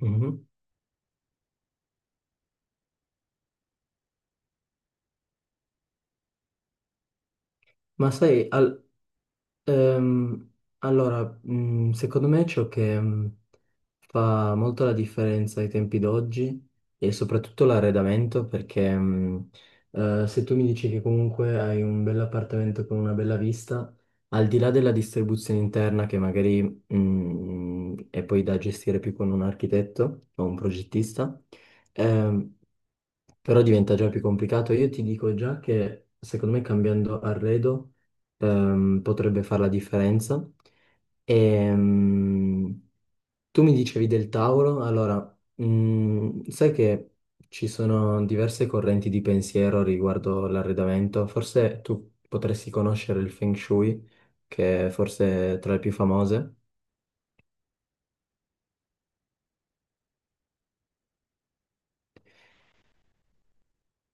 Mhm. Ma sai, al- ehm, allora, secondo me ciò che fa molto la differenza ai tempi d'oggi è soprattutto l'arredamento, perché se tu mi dici che comunque hai un bell'appartamento con una bella vista, al di là della distribuzione interna che magari è poi da gestire più con un architetto o un progettista. ehm, Però diventa già più complicato. Io ti dico già che secondo me cambiando arredo potrebbe fare la differenza. Ehm, Tu mi dicevi del Tauro. Allora, sai che ci sono diverse correnti di pensiero riguardo l'arredamento. Forse tu potresti conoscere il Feng Shui, che è forse tra le più famose.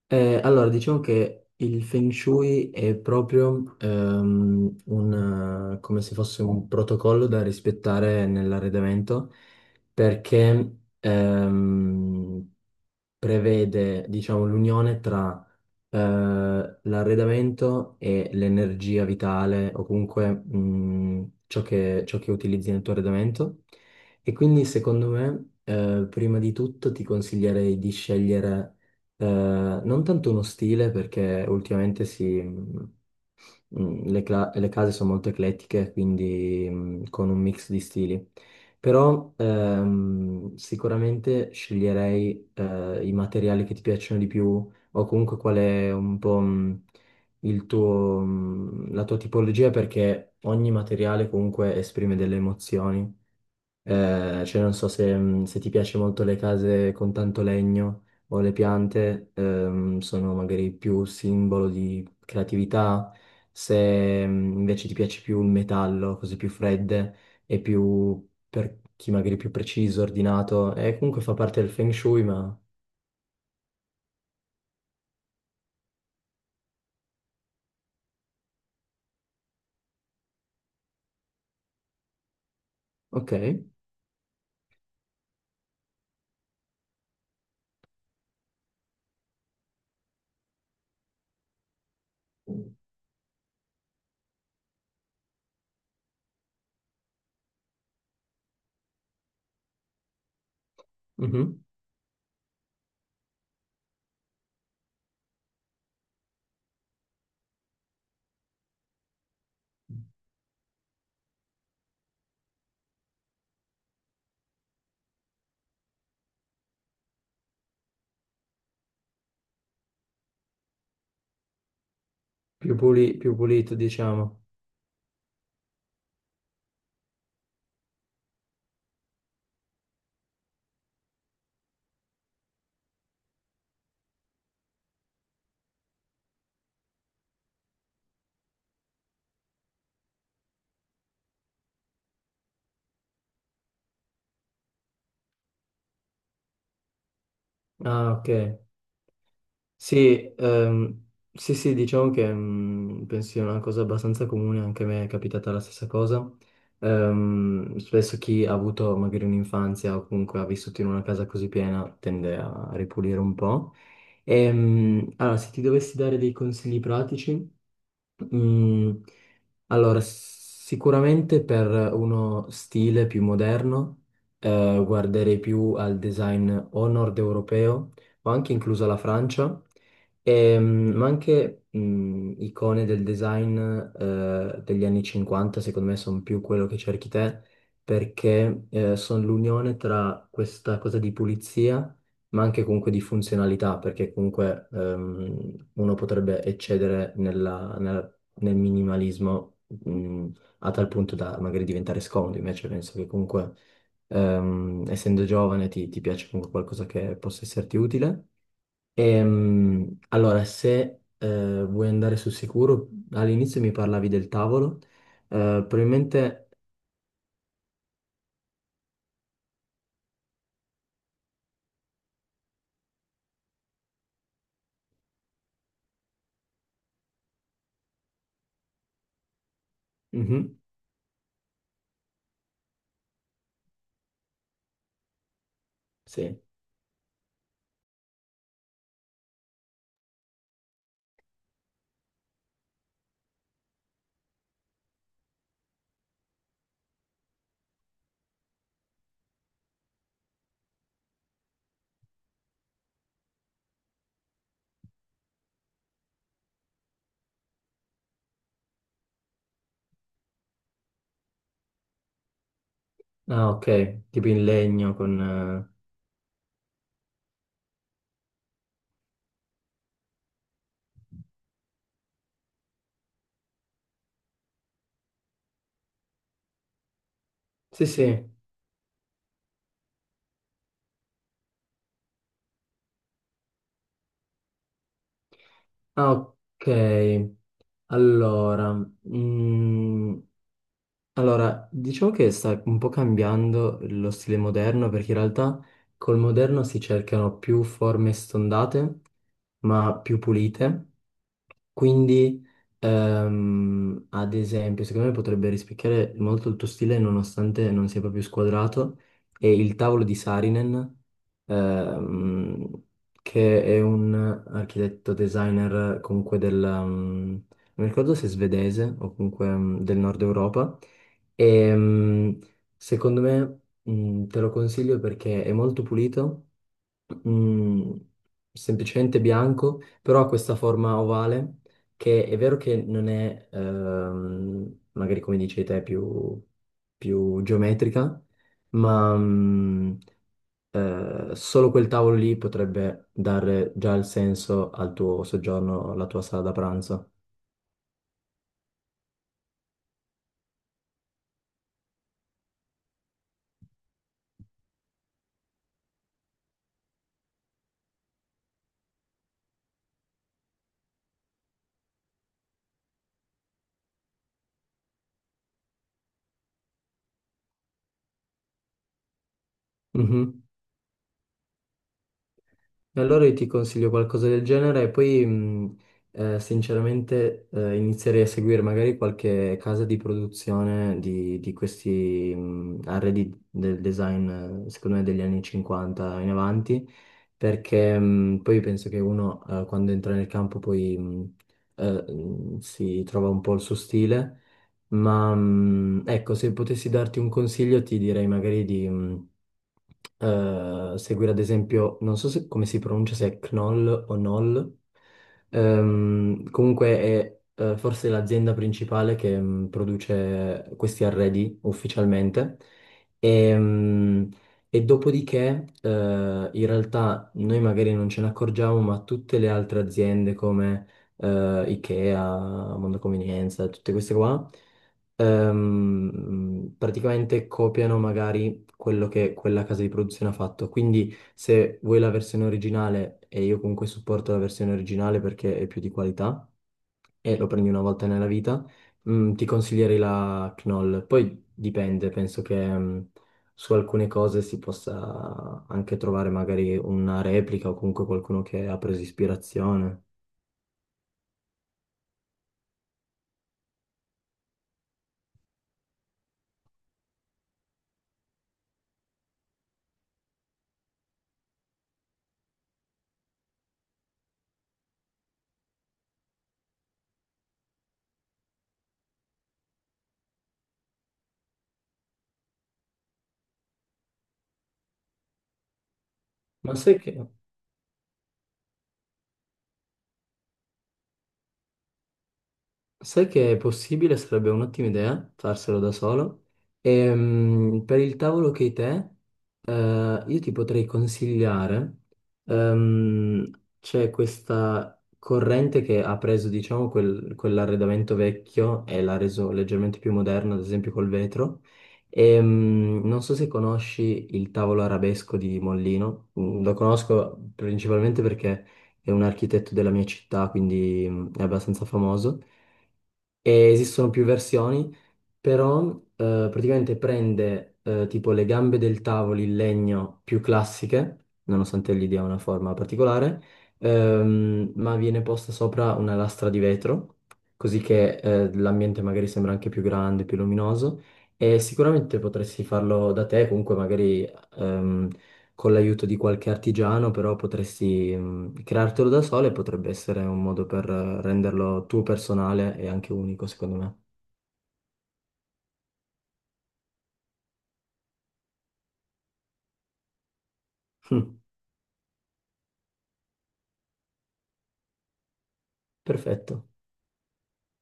Allora, diciamo che il Feng Shui è proprio come se fosse un protocollo da rispettare nell'arredamento, perché prevede, diciamo, l'unione tra l'arredamento e l'energia vitale, o comunque ciò che utilizzi nel tuo arredamento. E quindi secondo me, prima di tutto ti consiglierei di scegliere, eh, non tanto uno stile perché ultimamente si... mhmm, Mm, Le, cla- le case sono molto eclettiche, quindi con un mix di stili. Però sicuramente sceglierei i materiali che ti piacciono di più, o comunque qual è un po' la tua tipologia, perché ogni materiale comunque esprime delle emozioni. Cioè non so se se ti piace molto le case con tanto legno, o le piante, sono magari più simbolo di creatività. Se invece ti piace più il metallo, cose più fredde e più per chi magari è più preciso, ordinato, e comunque fa parte del feng shui, ma ok, mhm. Più pulito diciamo. Ah, ok. Sì, sì, sì, diciamo che penso sia una cosa abbastanza comune, anche a me è capitata la stessa cosa. Spesso chi ha avuto magari un'infanzia o comunque ha vissuto in una casa così piena tende a ripulire un po'. Allora, se ti dovessi dare dei consigli pratici, mm, allora, sicuramente per uno stile più moderno, guarderei più al design o nord europeo, o anche inclusa la Francia. Ma anche icone del design degli anni 50, secondo me, sono più quello che cerchi te, perché sono l'unione tra questa cosa di pulizia, ma anche comunque di funzionalità, perché comunque uno potrebbe eccedere nel minimalismo a tal punto da magari diventare scomodo. Invece penso che comunque, essendo giovane, ti piace comunque qualcosa che possa esserti utile. Allora, se vuoi andare sul sicuro, all'inizio mi parlavi del tavolo, probabilmente... Mhm, sì. Ah, ok, tipo in legno con... sì, sì. Ah, ok. Allora, mm, allora, diciamo che sta un po' cambiando lo stile moderno, perché in realtà col moderno si cercano più forme stondate, ma più pulite. Quindi, ad esempio, secondo me potrebbe rispecchiare molto il tuo stile, nonostante non sia proprio squadrato, è il tavolo di Saarinen, ehm, che è un architetto designer comunque del non mi ricordo se svedese o comunque del nord Europa, e, ehm, secondo me, te lo consiglio perché è molto pulito, mm, semplicemente bianco, però ha questa forma ovale che è vero che non è magari come dici te, più geometrica, ma solo quel tavolo lì potrebbe dare già il senso al tuo soggiorno, alla tua sala da pranzo. Mhm. E allora io ti consiglio qualcosa del genere e poi sinceramente inizierei a seguire magari qualche casa di produzione di questi arredi del design, secondo me, degli anni 50 in avanti, perché poi penso che uno, quando entra nel campo poi, si trova un po' il suo stile. Ma ecco, se potessi darti un consiglio, ti direi magari di seguire ad esempio, non so se- come si pronuncia, se è Knoll o Knoll. Comunque è forse l'azienda principale che produce questi arredi ufficialmente. E, mm, e dopodiché, in realtà noi magari non ce ne accorgiamo, ma tutte le altre aziende come IKEA, Mondo Convenienza, tutte queste qua praticamente copiano magari quello che quella casa di produzione ha fatto. Quindi se vuoi la versione originale, e io comunque supporto la versione originale perché è più di qualità, e lo prendi una volta nella vita, ti consiglierei la Knoll. Poi dipende, penso che su alcune cose si possa anche trovare magari una replica o comunque qualcuno che ha preso ispirazione. Ma sai che... Sai che è possibile, sarebbe un'ottima idea farselo da solo. E, per il tavolo che hai te, io ti potrei consigliare, ehm, c'è questa corrente che ha preso, diciamo, quell'arredamento vecchio e l'ha reso leggermente più moderno, ad esempio col vetro. Non so se conosci il tavolo arabesco di Mollino. Lo conosco principalmente perché è un architetto della mia città, quindi è abbastanza famoso e esistono più versioni, però praticamente prende, tipo le gambe del tavolo in legno più classiche, nonostante gli dia una forma particolare, ma viene posta sopra una lastra di vetro, così che l'ambiente magari sembra anche più grande, più luminoso, e sicuramente potresti farlo da te, comunque magari ehm, con l'aiuto di qualche artigiano, però potresti creartelo da solo, e potrebbe essere un modo per renderlo tuo personale e anche unico, secondo me. Perfetto.